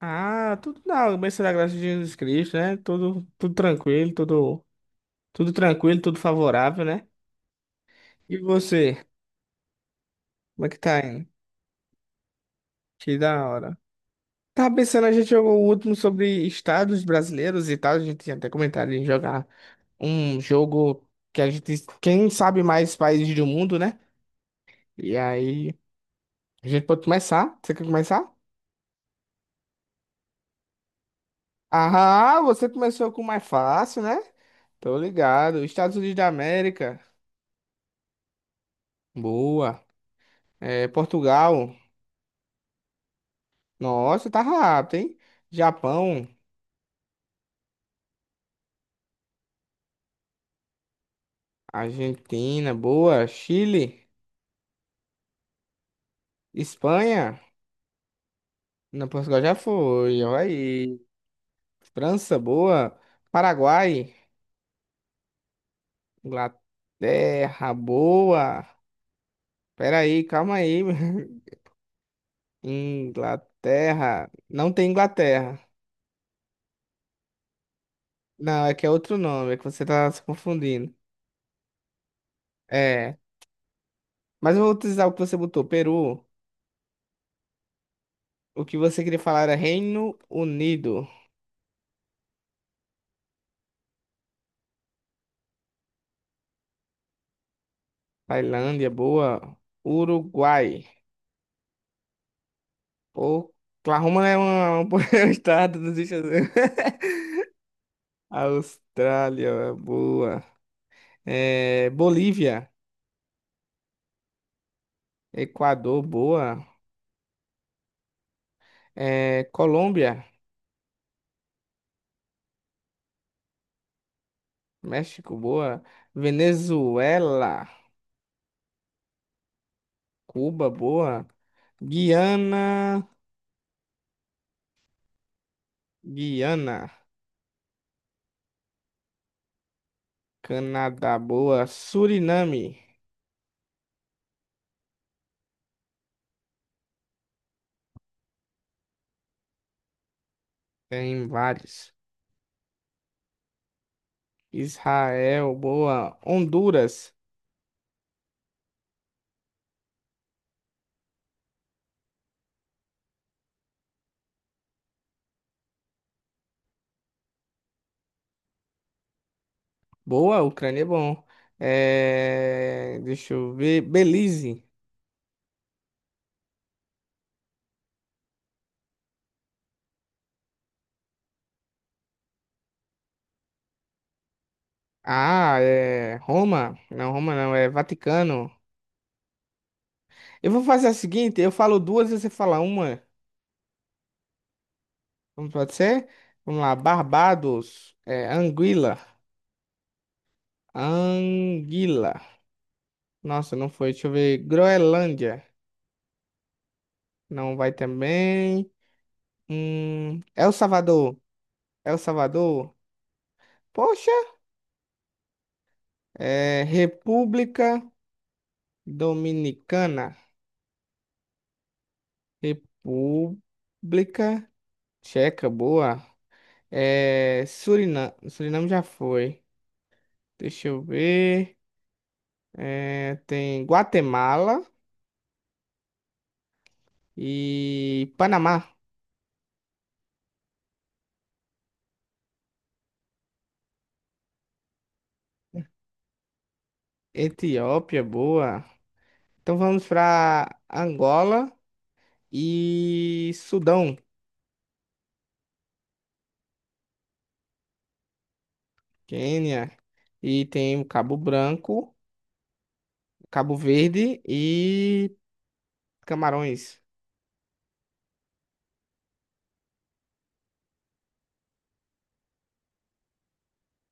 Ah, tudo na bênção da graça de Jesus Cristo, né? Tudo tranquilo, tudo tranquilo, tudo favorável, né? E você, como é que tá indo? Que da hora. Tava pensando, a gente jogou o último sobre estados brasileiros e tal, a gente tinha até comentado em jogar um jogo que a gente, quem sabe mais países do mundo, né? E aí, a gente pode começar? Você quer começar? Ah, você começou com o mais fácil, né? Tô ligado. Estados Unidos da América. Boa. É, Portugal, nossa, tá rápido, hein? Japão, Argentina, boa. Chile, Espanha, na Portugal já foi, olha aí. França, boa. Paraguai, Inglaterra, boa. Pera aí, calma aí. Inglaterra, não tem Inglaterra. Não, é que é outro nome, é que você tá se confundindo. É, mas eu vou utilizar o que você botou, Peru. O que você queria falar era Reino Unido. Tailândia, boa. Uruguai. Oklahoma é um um estado dos Estados Unidos. Austrália, boa. É, Bolívia, Equador, boa. É, Colômbia, México, boa. Venezuela, Cuba, boa. Guiana, Guiana, Canadá, boa. Suriname, tem vários. Israel, boa. Honduras. Boa, Ucrânia é bom. É, deixa eu ver. Belize. Ah, é. Roma. Não, Roma não, é Vaticano. Eu vou fazer a seguinte: eu falo duas e você fala uma. Não pode ser? Vamos lá. Barbados. É, Anguila. Anguila. Nossa, não foi. Deixa eu ver. Groenlândia. Não vai também. El Salvador. El Salvador. Poxa. É, República Dominicana. República Tcheca, boa. É, Suriname, Suriname já foi. Deixa eu ver. É, tem Guatemala e Panamá. Etiópia, boa. Então vamos para Angola e Sudão, Quênia. E tem o Cabo Branco, Cabo Verde e Camarões.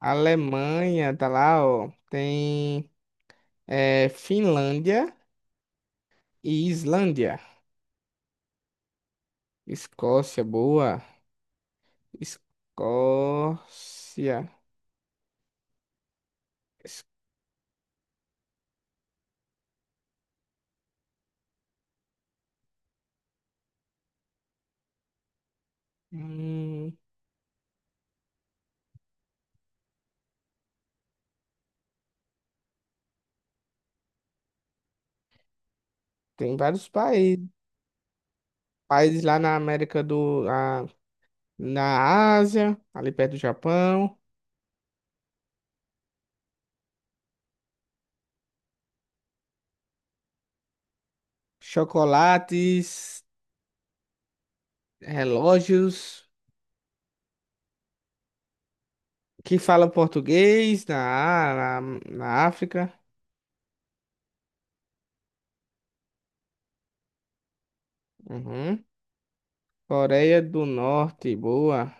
Alemanha, tá lá, ó. Tem é, Finlândia e Islândia. Escócia, boa. Escócia. Es- Hum, tem vários países. Países lá na América Na, na Ásia, ali perto do Japão. Chocolates, relógios, que falam português na África. Uhum. Coreia do Norte, boa.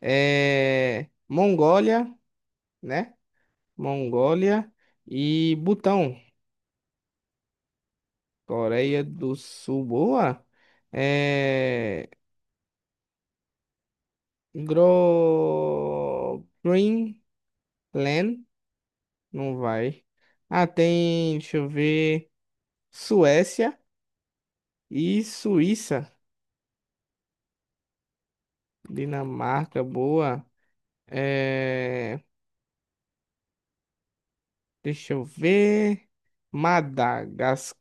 É, Mongólia, né? Mongólia e Butão. Coreia do Sul, boa. É... Gro... Greenland, não vai. Ah, tem, deixa eu ver, Suécia e Suíça. Dinamarca, boa. É... Deixa eu ver, Madagascar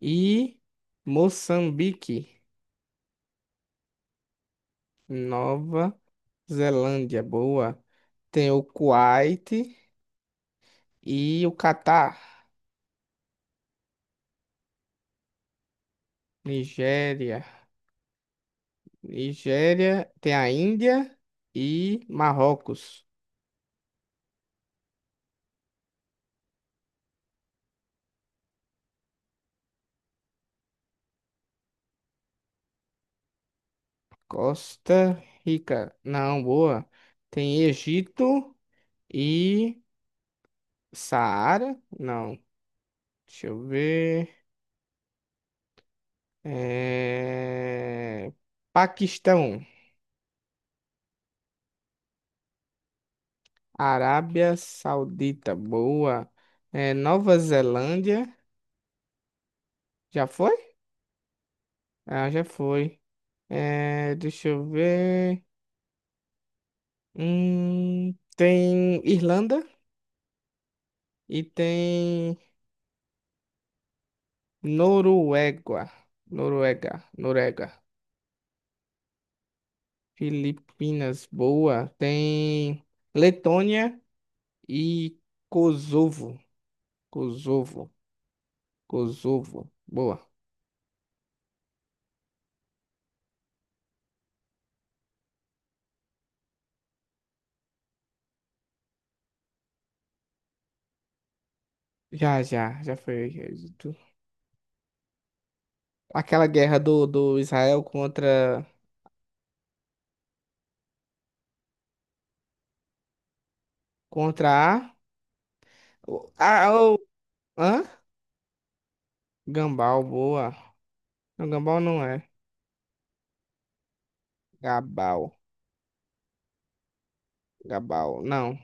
e Moçambique. Nova Zelândia, boa. Tem o Kuwait e o Catar. Nigéria. Nigéria tem a Índia e Marrocos. Costa Rica. Não, boa. Tem Egito e Saara. Não. Deixa eu ver. É... Paquistão. Arábia Saudita. Boa. É, Nova Zelândia. Já foi? Ah, já foi. É, deixa eu ver. Tem Irlanda. E tem Noruega. Noruega, Noruega. Filipinas, boa. Tem Letônia e Kosovo. Kosovo, Kosovo, boa. Já foi. Tu- Aquela guerra do Israel contra, contra a. o- a o- hã? Gambal, boa. Não, Gambal não é. Gabal, Gabal, não.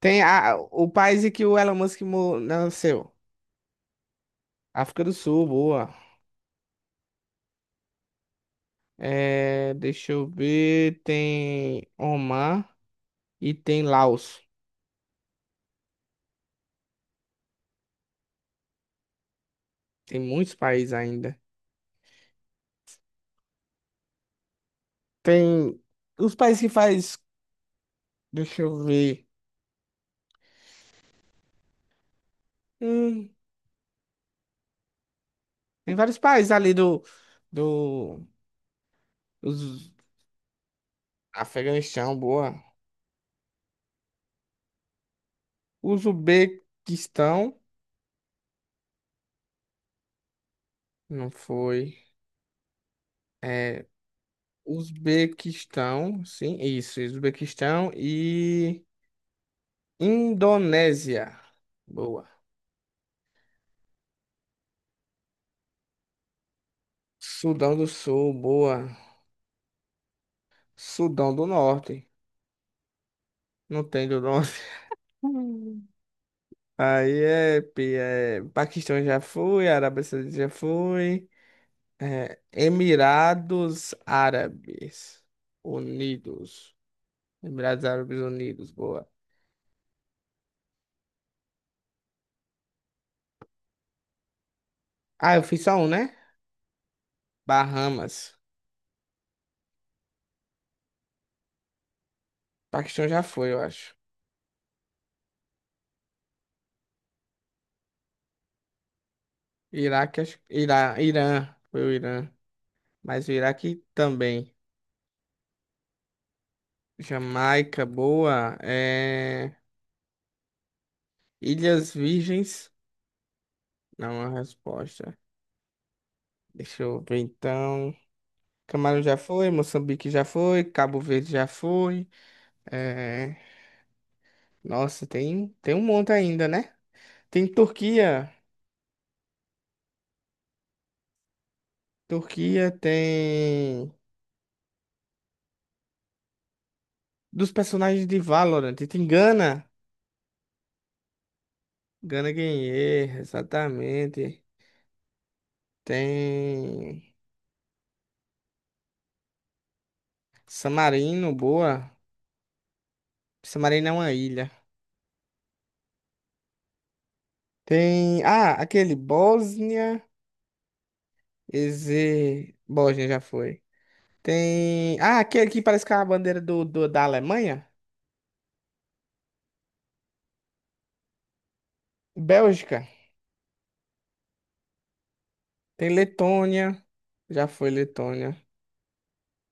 Tem a, o país em que o Elon Musk nasceu. África do Sul, boa. É, deixa eu ver. Tem Omar e tem Laos. Tem muitos países ainda. Tem os países que faz. Deixa eu ver. Hum, tem vários países ali do. Do. Os, Afeganistão, boa. Uzbequistão. Não foi. É. Uzbequistão, sim, isso. Uzbequistão e. Indonésia. Boa. Sudão do Sul, boa. Sudão do Norte. Não tem do Norte. Hum. Aí é, é. Paquistão já fui, Arábia Saudita já fui. É, Emirados Árabes Unidos. Emirados Árabes Unidos, boa. Ah, eu fiz só um, né? Bahamas. Paquistão já foi, eu acho. Iraque, Irã, Irã. Foi o Irã. Mas o Iraque também. Jamaica, boa. É, Ilhas Virgens. Não é uma resposta. Deixa eu ver então. Camarão já foi, Moçambique já foi, Cabo Verde já foi. É... Nossa, tem um monte ainda, né? Tem Turquia. Turquia tem. Dos personagens de Valorant. Tem Gana. Gana Guerreiro, exatamente. Tem. Samarino, boa. Samarino é uma ilha. Tem. Ah, aquele Bósnia. Bósnia já foi. Tem. Ah, aquele que parece que é a bandeira da Alemanha? Bélgica. Tem Letônia. Já foi Letônia.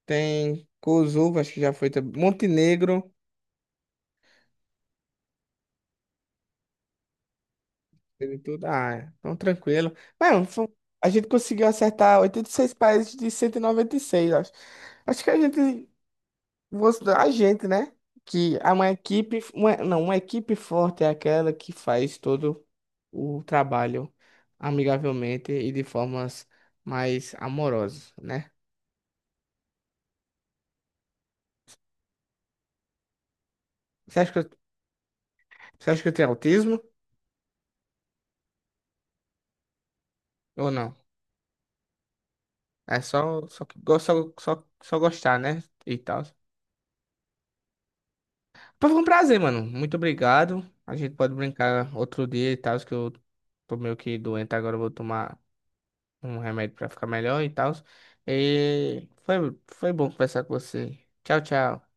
Tem Kosovo, acho que já foi. Também. Montenegro. Teve tudo. Ah, é. Então tranquilo. Mano, a gente conseguiu acertar 86 países de cento e noventa e seis acho. Acho que a gente. A gente, né? Que é uma equipe. Não, uma equipe forte é aquela que faz todo o trabalho amigavelmente e de formas mais amorosas, né? Você acha que eu, Você acha que eu tenho autismo ou não? É só, só, que go- só, só, só gostar, né? E tal. Pô, foi um prazer, mano. Muito obrigado. A gente pode brincar outro dia e tal, que eu tô meio que doente agora, eu vou tomar um remédio pra ficar melhor e tal. E foi bom conversar com você. Tchau, tchau.